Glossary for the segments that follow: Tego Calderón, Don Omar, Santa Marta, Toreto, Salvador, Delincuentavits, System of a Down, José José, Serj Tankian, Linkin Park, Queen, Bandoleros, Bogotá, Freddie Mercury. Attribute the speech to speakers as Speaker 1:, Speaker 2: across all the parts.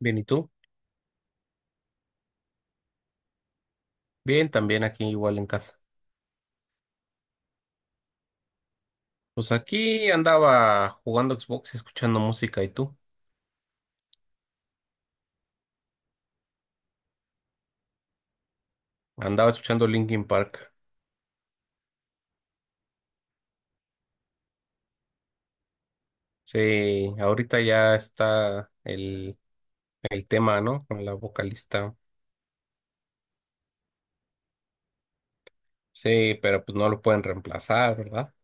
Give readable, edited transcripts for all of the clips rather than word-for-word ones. Speaker 1: Bien, ¿y tú? Bien, también aquí igual en casa. Pues aquí andaba jugando Xbox, escuchando música, ¿y tú? Andaba escuchando Linkin Park. Sí, ahorita ya está el tema, ¿no? Con la vocalista. Sí, pero pues no lo pueden reemplazar, ¿verdad?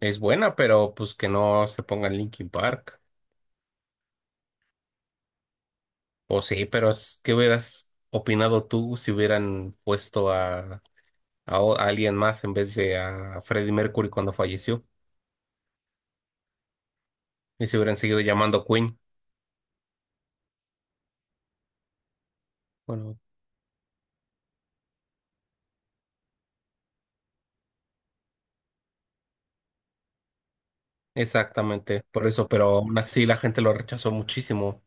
Speaker 1: Es buena, pero pues que no se pongan Linkin Park. O sí, pero ¿qué hubieras opinado tú si hubieran puesto a, a alguien más en vez de a Freddie Mercury cuando falleció? Y se hubieran seguido llamando Queen. Bueno, exactamente, por eso, pero aún así la gente lo rechazó muchísimo.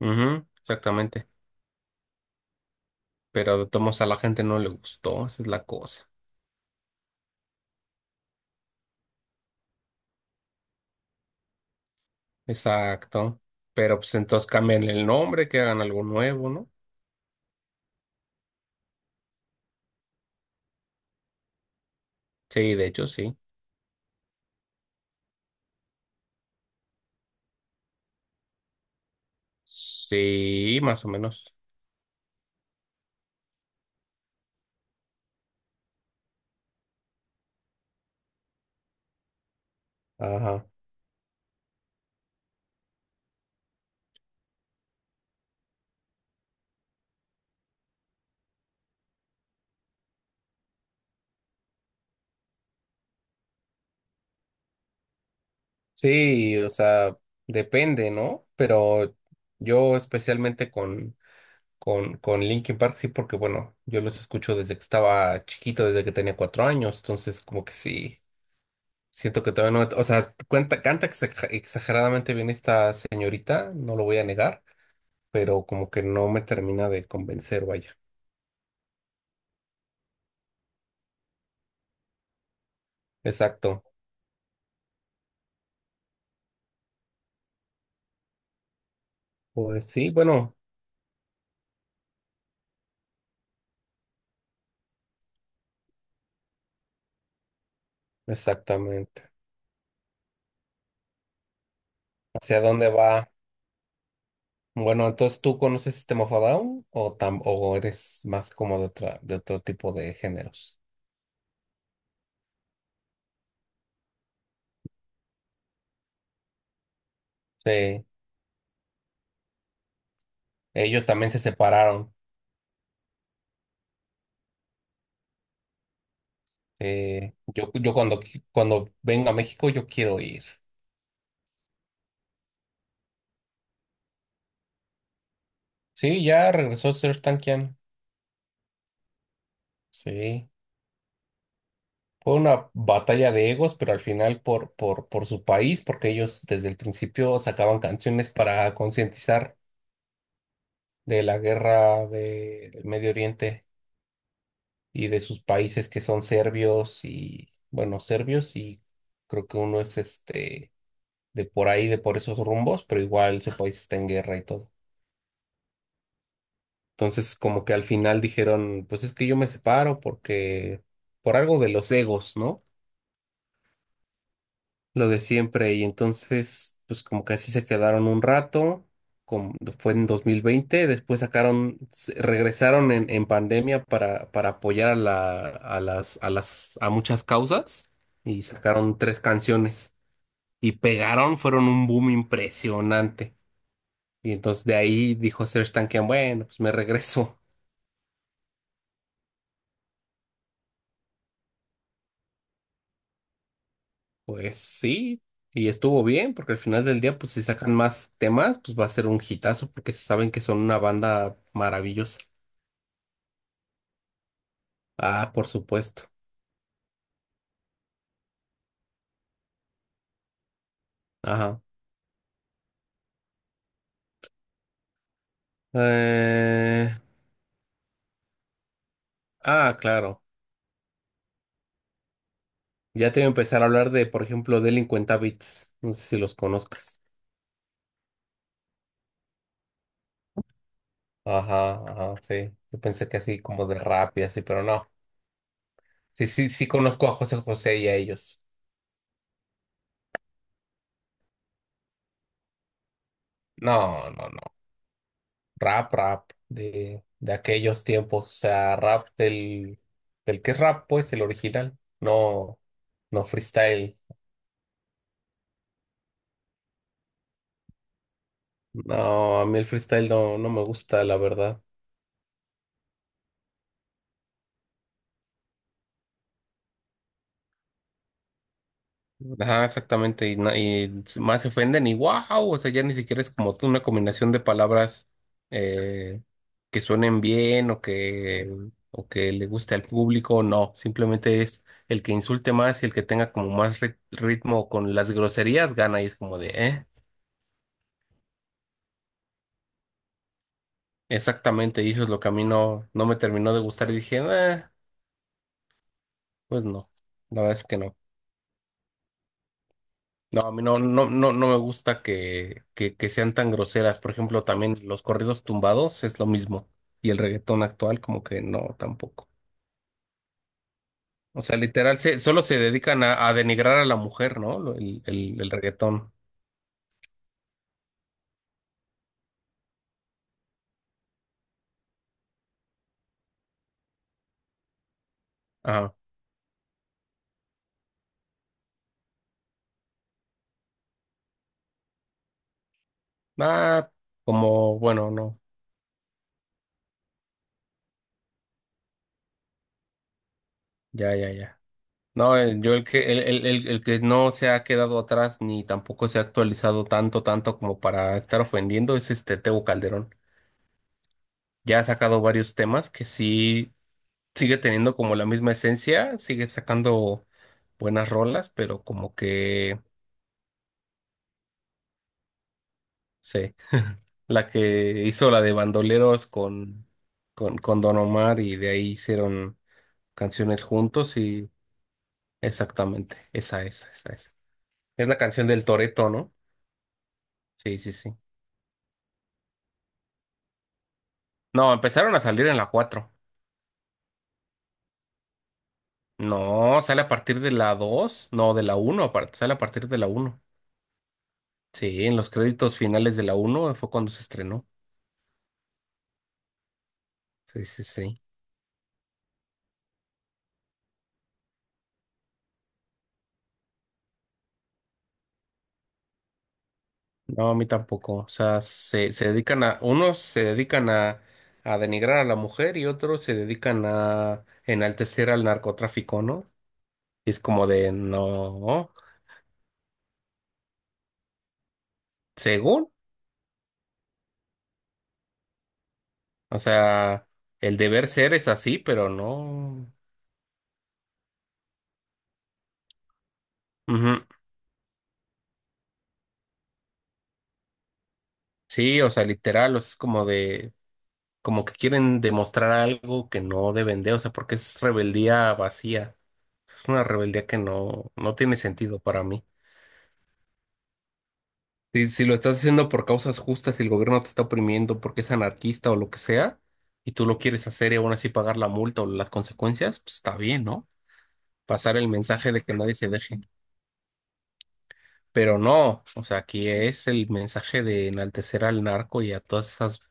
Speaker 1: Ujú, exactamente. Pero de todos modos a la gente no le gustó, esa es la cosa. Exacto. Pero pues entonces cambien el nombre, que hagan algo nuevo, ¿no? Sí, de hecho, sí. Sí, más o menos. Ajá. Sí, o sea, depende, ¿no? Pero yo especialmente con, con Linkin Park, sí, porque bueno, yo los escucho desde que estaba chiquito, desde que tenía 4 años, entonces como que sí. Siento que todavía no, o sea, canta exageradamente bien esta señorita, no lo voy a negar, pero como que no me termina de convencer, vaya. Exacto. Pues sí, bueno, exactamente. ¿Hacia dónde va? Bueno, entonces tú conoces System of a Down o eres más como de otro tipo de géneros. Sí, ellos también se separaron. Yo cuando venga a México, yo quiero ir. Sí, ya regresó Serj Tankian. Sí. Fue una batalla de egos, pero al final por su país, porque ellos desde el principio sacaban canciones para concientizar de la guerra del Medio Oriente y de sus países que son serbios y creo que uno es este de por esos rumbos, pero igual su país está en guerra y todo. Entonces, como que al final dijeron, pues es que yo me separo porque por algo de los egos, ¿no? Lo de siempre. Y entonces, pues como que así se quedaron un rato, como fue en 2020, después sacaron, regresaron en pandemia para apoyar a la, a las, a las, a muchas causas y sacaron 3 canciones y pegaron, fueron un boom impresionante. Y entonces de ahí dijo Serj Tankian, bueno, pues me regreso. Pues sí. Y estuvo bien, porque al final del día, pues si sacan más temas, pues va a ser un hitazo, porque saben que son una banda maravillosa. Ah, por supuesto. Ajá. Eh, ah, claro. Ya te voy a empezar a hablar de, por ejemplo, Delincuentavits. No sé si los conozcas. Ajá, ajá, sí. Yo pensé que así como de rap y así, pero no. Sí, sí, sí conozco a José José y a ellos. No, no, no. Rap de aquellos tiempos. O sea, rap del que es rap, pues, el original. No, no freestyle. No, a mí el freestyle no me gusta, la verdad. Ajá, exactamente, y más se ofenden y wow, o sea, ya ni siquiera es como una combinación de palabras eh, que suenen bien o que le guste al público, no, simplemente es el que insulte más y el que tenga como más ritmo con las groserías gana y es como de, exactamente, y eso es lo que a mí no me terminó de gustar y dije, pues no, la verdad es que no. No, a mí no me gusta que sean tan groseras. Por ejemplo, también los corridos tumbados es lo mismo. Y el reggaetón actual, como que no, tampoco. O sea, literal, solo se dedican a denigrar a la mujer, ¿no? El reggaetón. Ajá. Ah, como, bueno, no. Ya, ya, ya. No, el- yo el que no se ha quedado atrás ni tampoco se ha actualizado tanto, tanto como para estar ofendiendo es este Tego Calderón. Ya ha sacado varios temas que sí sigue teniendo como la misma esencia, sigue sacando buenas rolas, pero como que, no sé, la que hizo la de Bandoleros con Don Omar y de ahí hicieron canciones juntos y exactamente, esa, esa, esa, esa. Es la canción del Toreto, ¿no? Sí, sí, sí. No, empezaron a salir en la cuatro. No, sale a partir de la dos, no, de la uno, sale a partir de la uno. Sí, en los créditos finales de la uno fue cuando se estrenó. Sí, sí, sí. No, a mí tampoco. O sea, se dedican unos se dedican a denigrar a la mujer y otros se dedican a enaltecer al narcotráfico, ¿no? Y es como de, no, según. O sea, el deber ser es así, pero no. Ujú. Sí, o sea, literal, o sea, es como de, como que quieren demostrar algo que no deben de, o sea, porque es rebeldía vacía. Es una rebeldía que no tiene sentido para mí. Si lo estás haciendo por causas justas y el gobierno te está oprimiendo porque es anarquista o lo que sea, y tú lo quieres hacer y aún así pagar la multa o las consecuencias, pues está bien, ¿no? Pasar el mensaje de que nadie se deje. Pero no, o sea, aquí es el mensaje de enaltecer al narco y a todas esas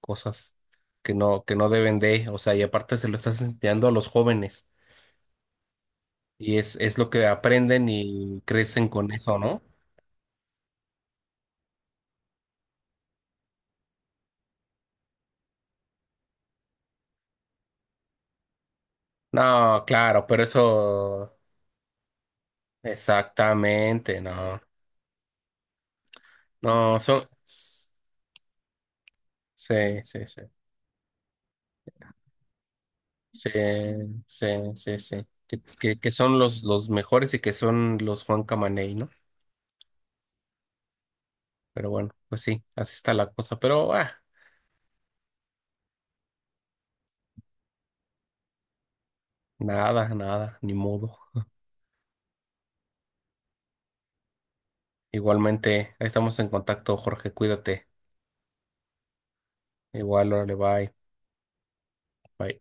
Speaker 1: cosas que no deben de, o sea, y aparte se lo estás enseñando a los jóvenes y es lo que aprenden y crecen con eso, ¿no? No, claro, pero eso exactamente, no. No, sí, sí, sí. Sí, sí, sí, sí. Que son los mejores y que son los Juan Camaney, ¿no? Pero bueno, pues sí, así está la cosa. Pero nada, nada, ni modo. Igualmente, ahí estamos en contacto, Jorge, cuídate. Igual, órale, bye. Bye.